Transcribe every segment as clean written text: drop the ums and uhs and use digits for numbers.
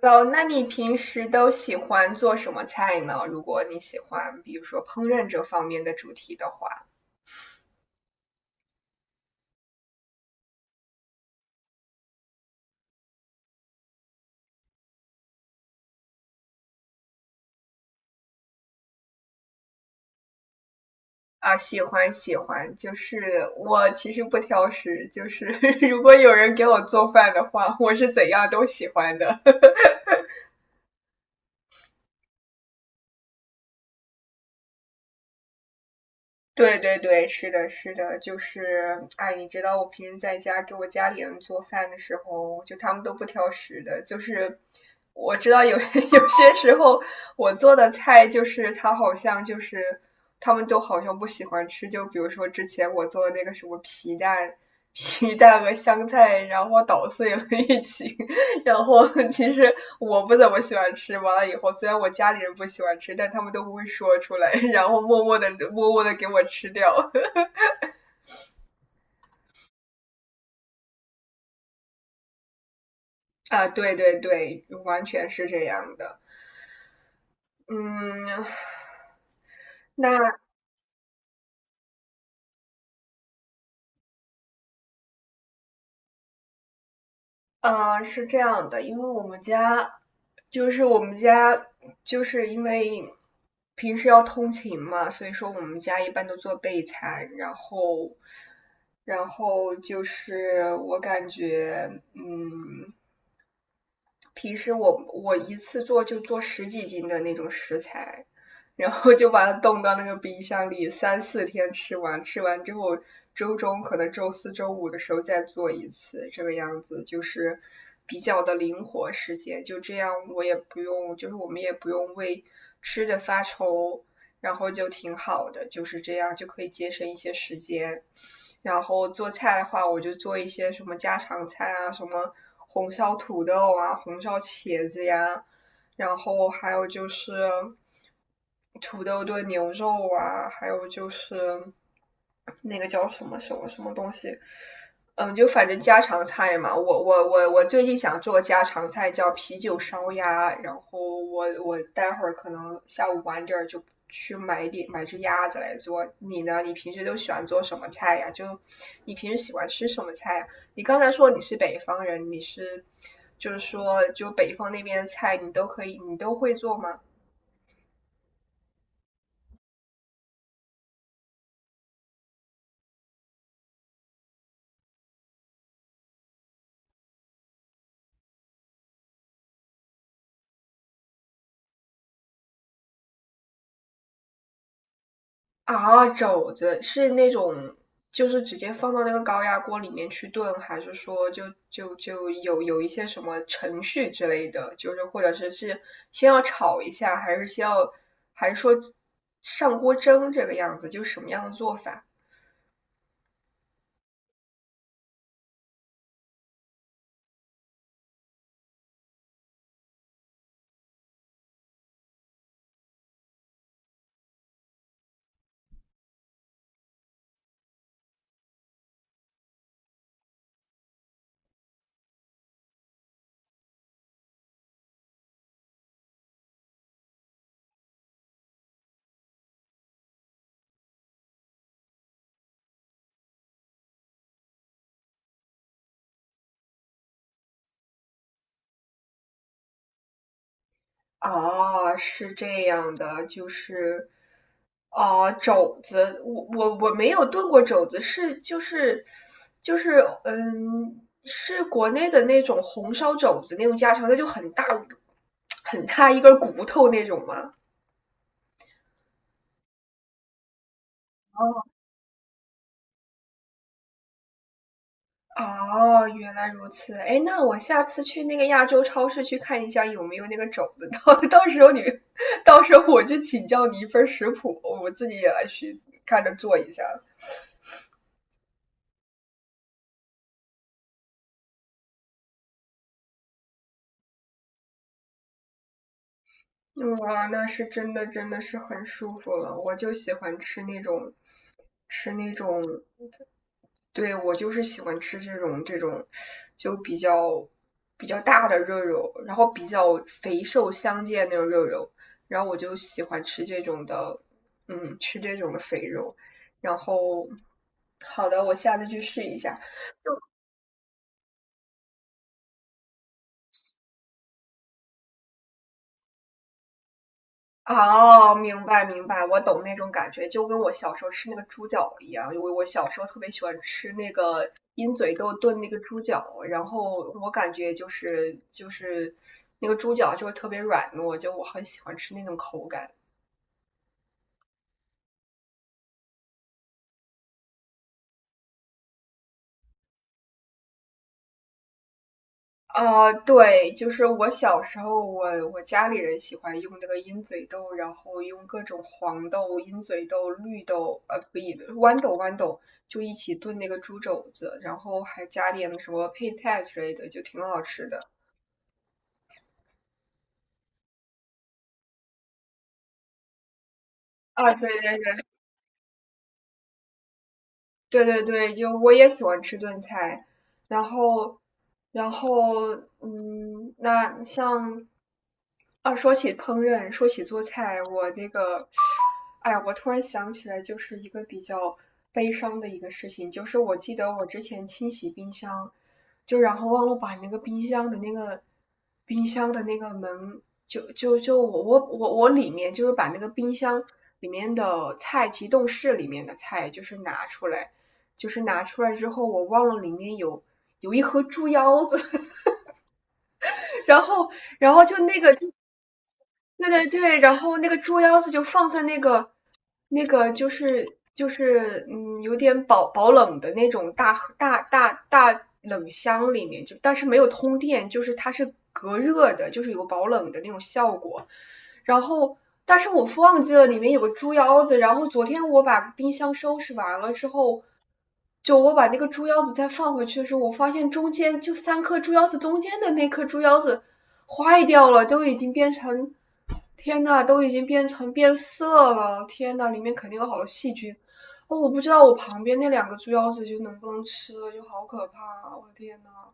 哦，那你平时都喜欢做什么菜呢？如果你喜欢，比如说烹饪这方面的主题的话，啊，喜欢喜欢，我其实不挑食，就是 如果有人给我做饭的话，我是怎样都喜欢的。对对对，是的，是的，就是，哎，你知道我平时在家给我家里人做饭的时候，就他们都不挑食的，就是我知道有 有些时候我做的菜，他们都好像不喜欢吃，就比如说之前我做的那个什么皮蛋、皮蛋和香菜，然后捣碎了一起，然后 其实我不怎么喜欢吃，完了以后虽然我家里人不喜欢吃，但他们都不会说出来，然后默默的给我吃掉。啊，对对对，完全是这样的。嗯，那是这样的，因为我们家就是因为平时要通勤嘛，所以说我们家一般都做备餐，然后就是我感觉嗯。平时我一次做就做十几斤的那种食材，然后就把它冻到那个冰箱里，三四天吃完，吃完之后周中可能周四周五的时候再做一次，这个样子就是比较的灵活时间，就这样我也不用，就是我们也不用为吃的发愁，然后就挺好的，就是这样就可以节省一些时间。然后做菜的话，我就做一些什么家常菜啊，什么红烧土豆啊，红烧茄子呀，然后还有就是土豆炖牛肉啊，还有就是那个叫什么什么什么东西，嗯，就反正家常菜嘛，我最近想做家常菜，叫啤酒烧鸭。然后我待会儿可能下午晚点儿就去买点买只鸭子来做。你呢？你平时都喜欢做什么菜呀？就你平时喜欢吃什么菜呀？你刚才说你是北方人，你是就是说就北方那边的菜你都可以，你都会做吗？啊，肘子是那种，就是直接放到那个高压锅里面去炖，还是说就就就有有一些什么程序之类的，就是或者是先要炒一下，还是先要，还是说上锅蒸这个样子，就什么样的做法？哦，是这样的，就是，哦，肘子，我没有炖过肘子，嗯，是国内的那种红烧肘子那种家常菜，就很大很大一根骨头那种吗？哦，哦，原来如此。哎，那我下次去那个亚洲超市去看一下有没有那个肘子，到时候你，到时候我去请教你一份食谱，我自己也来去看着做一下。哇，那是真的，真的是很舒服了。我就喜欢吃那种，吃那种，对，我就是喜欢吃这种，就比较大的肉肉，然后比较肥瘦相间那种肉肉，然后我就喜欢吃这种的，嗯，吃这种的肥肉。然后，好的，我下次去试一下。哦，明白明白，我懂那种感觉，就跟我小时候吃那个猪脚一样。因为我小时候特别喜欢吃那个鹰嘴豆炖那个猪脚，然后我感觉就是那个猪脚就会特别软糯，就我很喜欢吃那种口感。呃，对，就是我小时候我，我家里人喜欢用那个鹰嘴豆，然后用各种黄豆、鹰嘴豆、绿豆，呃，不一，豌豆，就一起炖那个猪肘子，然后还加点什么配菜之类的，就挺好吃的。啊，对对对，就我也喜欢吃炖菜，然后，然后，嗯，那像，啊，说起烹饪，说起做菜，我那个，哎呀，我突然想起来，就是一个比较悲伤的一个事情，就是我记得我之前清洗冰箱，就然后忘了把那个冰箱的那个冰箱的那个门，就就就我里面就是把那个冰箱里面的菜，急冻室里面的菜，就是拿出来。就是拿出来之后，我忘了里面有有一盒猪腰子，然后然后就那个就对对对，然后那个猪腰子就放在那个那个就是就是嗯，有点保冷的那种大冷箱里面，就但是没有通电，就是它是隔热的，就是有保冷的那种效果。然后，但是我忘记了里面有个猪腰子，然后昨天我把冰箱收拾完了之后。就我把那个猪腰子再放回去的时候，我发现中间就三颗猪腰子中间的那颗猪腰子坏掉了，都已经变成天呐，都已经变成变色了！天呐，里面肯定有好多细菌。哦，我不知道我旁边那两个猪腰子就能不能吃了，就好可怕啊我的天呐。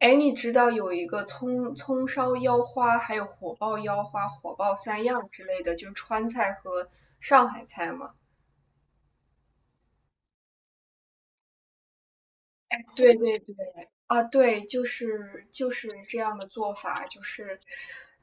哎，你知道有一个葱葱烧腰花，还有火爆腰花、火爆三样之类的，就是川菜和上海菜吗？对对对，啊，对，就是这样的做法，就是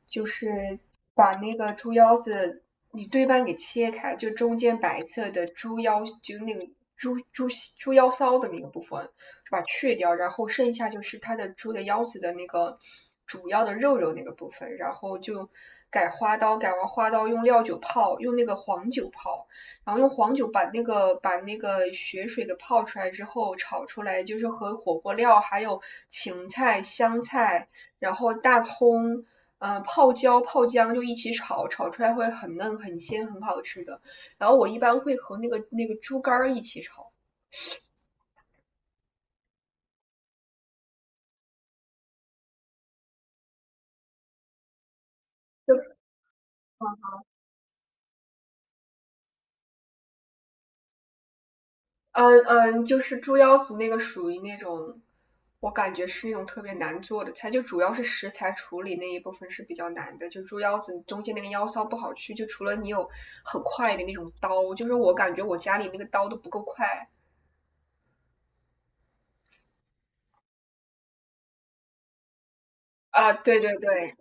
就是把那个猪腰子你对半给切开，就中间白色的猪腰，就那个猪猪猪腰骚的那个部分，就把它去掉，然后剩下就是它的猪的腰子的那个主要的肉肉那个部分，然后就改花刀，改完花刀用料酒泡，用那个黄酒泡。然后用黄酒把那个血水给泡出来之后炒出来，就是和火锅料还有芹菜、香菜，然后大葱，呃，泡椒、泡姜就一起炒，炒出来会很嫩、很鲜、很好吃的。然后我一般会和那个猪肝儿一起炒，就嗯嗯，就是猪腰子那个属于那种，我感觉是那种特别难做的菜，就主要是食材处理那一部分是比较难的。就猪腰子中间那个腰骚不好去，就除了你有很快的那种刀，就是我感觉我家里那个刀都不够快啊。对对对，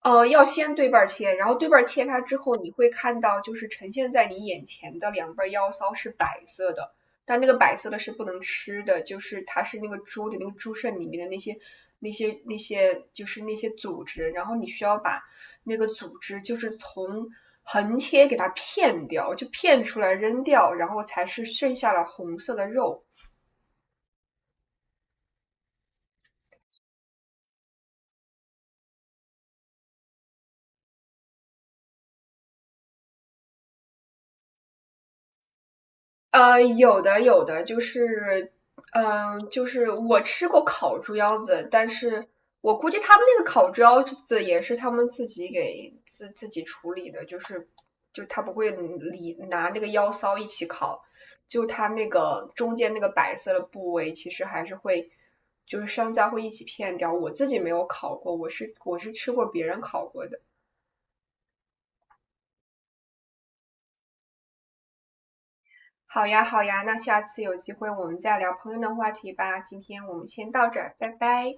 呃，要先对半切，然后对半切开之后，你会看到就是呈现在你眼前的两瓣腰骚是白色的，但那个白色的是不能吃的，就是它是那个猪的那个猪肾里面的那些就是那些组织，然后你需要把那个组织就是从横切给它片掉，就片出来扔掉，然后才是剩下了红色的肉。呃，有的有的，就是，嗯、就是我吃过烤猪腰子，但是我估计他们那个烤猪腰子也是他们自己给自己处理的，就是就他不会理拿那个腰骚一起烤，就他那个中间那个白色的部位，其实还是会，就是商家会一起片掉。我自己没有烤过，我是吃过别人烤过的。好呀，好呀，那下次有机会我们再聊朋友的话题吧。今天我们先到这儿，拜拜。